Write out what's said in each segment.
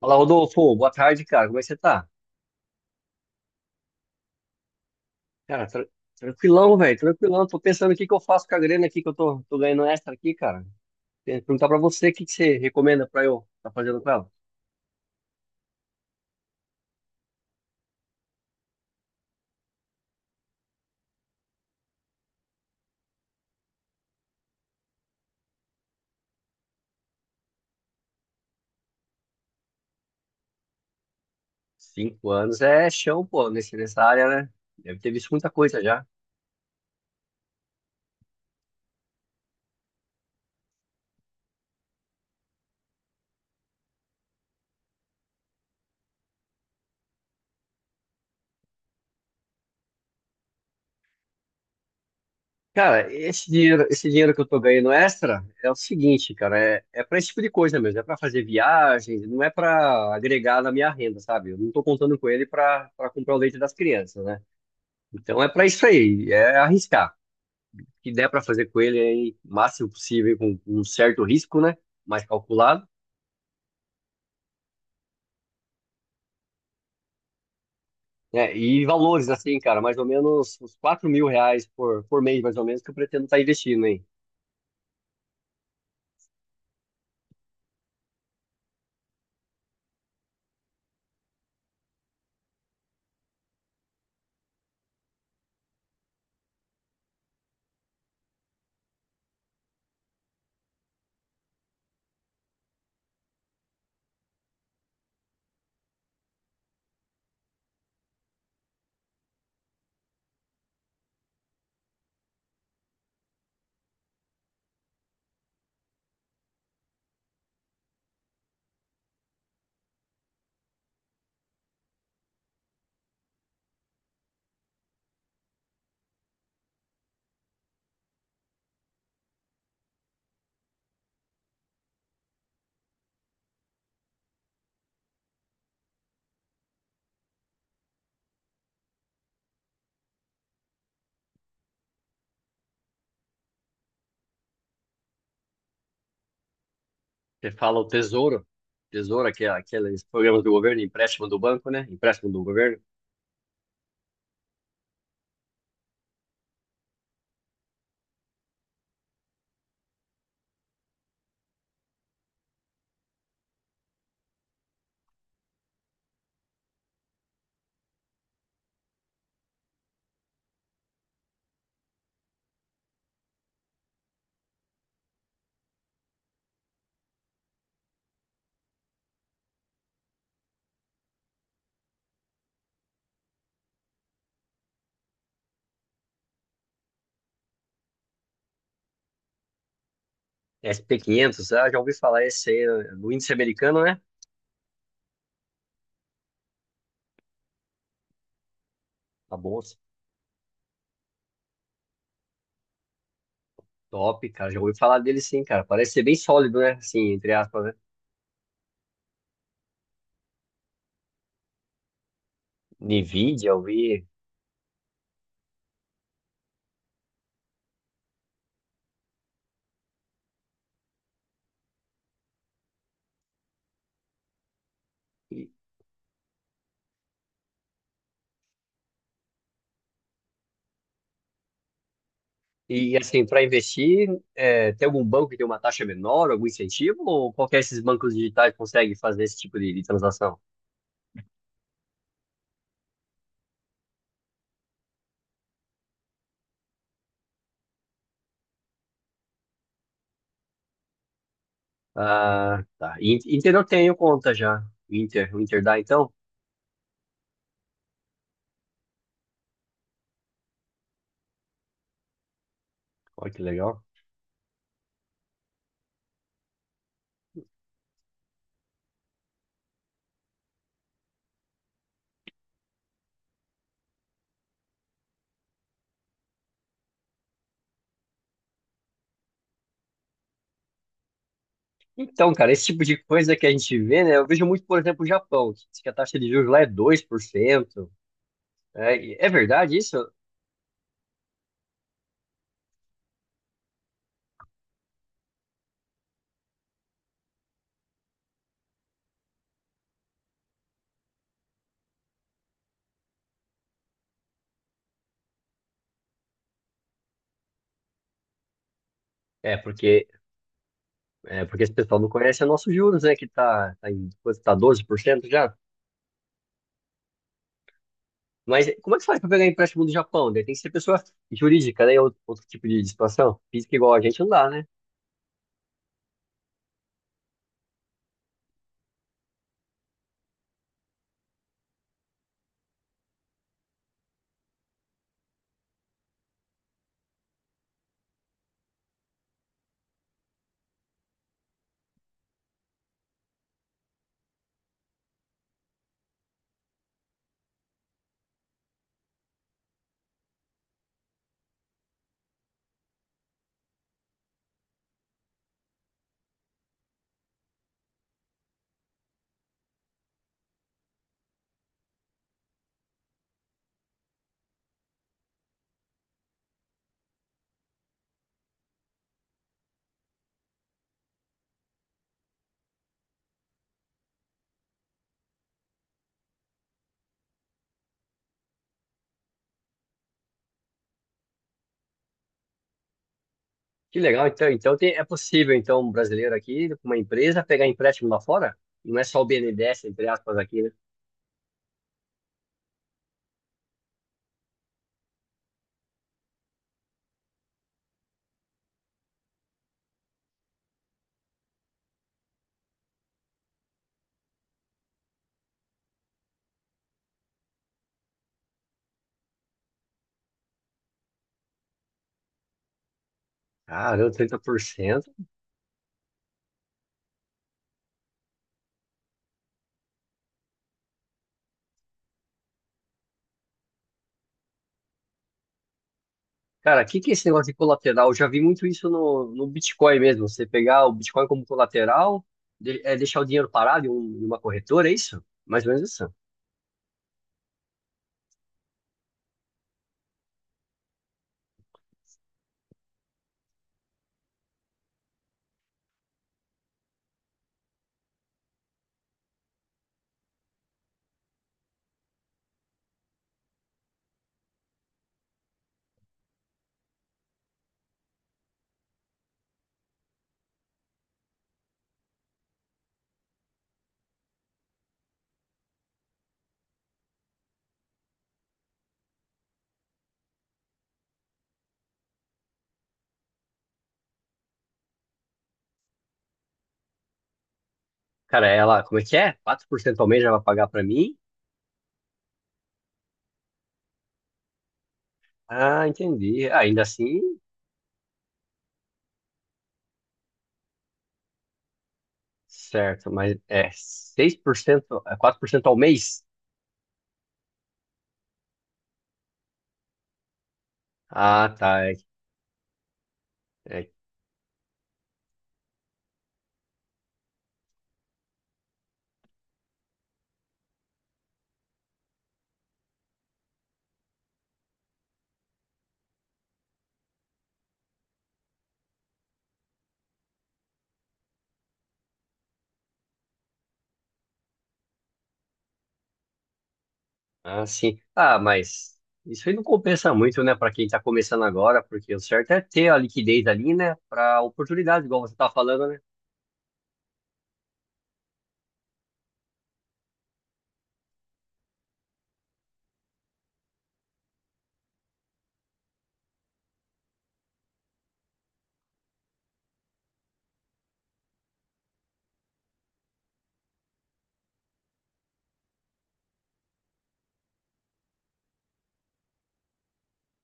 Fala, Rodolfo. Boa tarde, cara. Como é que você tá? Cara, tranquilão, velho. Tranquilão. Tô pensando o que que eu faço com a grana aqui que eu tô ganhando extra aqui, cara. Queria perguntar pra você o que que você recomenda pra eu tá fazendo com ela. 5 anos é chão, pô, nesse, nessa área, né? Deve ter visto muita coisa já. Cara, esse dinheiro que eu tô ganhando extra é o seguinte, cara, é para esse tipo de coisa mesmo, é para fazer viagens, não é para agregar na minha renda, sabe? Eu não tô contando com ele para comprar o leite das crianças, né? Então é para isso aí, é arriscar. Que der para fazer com ele aí, o máximo possível, com um certo risco, né? Mais calculado, né? E valores, assim, cara, mais ou menos uns R$ 4.000 por mês, mais ou menos, que eu pretendo estar investindo, hein? Você fala o Tesouro, que é aqueles programas do governo, empréstimo do banco, né? Empréstimo do governo, S&P 500, ah, já ouvi falar esse aí, do índice americano, né? Tá bom, top, cara, já ouvi falar dele sim, cara, parece ser bem sólido, né? Assim, entre aspas, né? NVIDIA, eu vi. E assim, para investir, é, tem algum banco que tem uma taxa menor, algum incentivo, ou qualquer desses bancos digitais consegue fazer esse tipo de transação? Ah, tá. Inter eu tenho conta já. Inter, o Inter dá então? Olha que legal. Então, cara, esse tipo de coisa que a gente vê, né? Eu vejo muito, por exemplo, o Japão, que diz que a taxa de juros lá é 2%. É, e- é verdade isso? É, porque, é porque esse pessoal não conhece o nosso juros, né? Que tá em, quanto tá 12% já? Mas como é que faz para pegar empréstimo do Japão, né? Tem que ser pessoa jurídica, né? Outro tipo de situação. Física igual a gente não dá, né? Que legal, então. Então tem- é possível, então, um brasileiro aqui, com uma empresa, pegar empréstimo lá fora? Não é só o BNDES, entre aspas, aqui, né? Caramba, 30%. Cara, o que que é esse negócio de colateral? Eu já vi muito isso no, no Bitcoin mesmo. Você pegar o Bitcoin como colateral, é deixar o dinheiro parado em uma corretora, é isso? Mais ou menos isso. Cara, ela, como é que é? 4% ao mês ela vai pagar para mim? Ah, entendi. Ah, ainda assim, certo, mas é 6%, é 4% ao mês? Ah, tá. É, é- ah, sim. Ah, mas isso aí não compensa muito, né, para quem está começando agora, porque o certo é ter a liquidez ali, né, para oportunidades, igual você está falando, né?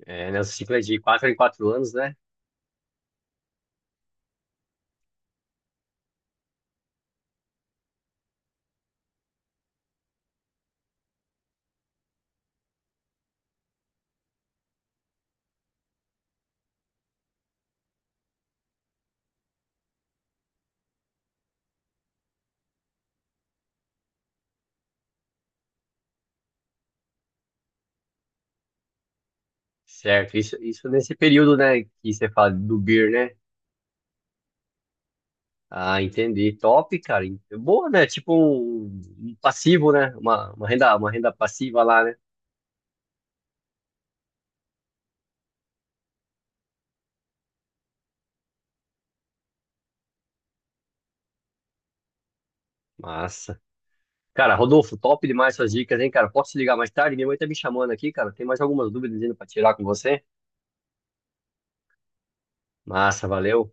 É, nessa ciclo é de 4 em 4 anos, né? Certo, isso nesse período, né, que você fala do BIR, né? Ah, entendi. Top, cara. Boa, né? Tipo um passivo, né? Uma renda, uma renda, passiva lá, né? Massa. Cara, Rodolfo, top demais essas dicas, hein, cara? Posso te ligar mais tarde? Minha mãe tá me chamando aqui, cara. Tem mais algumas dúvidas ainda pra tirar com você? Massa, valeu.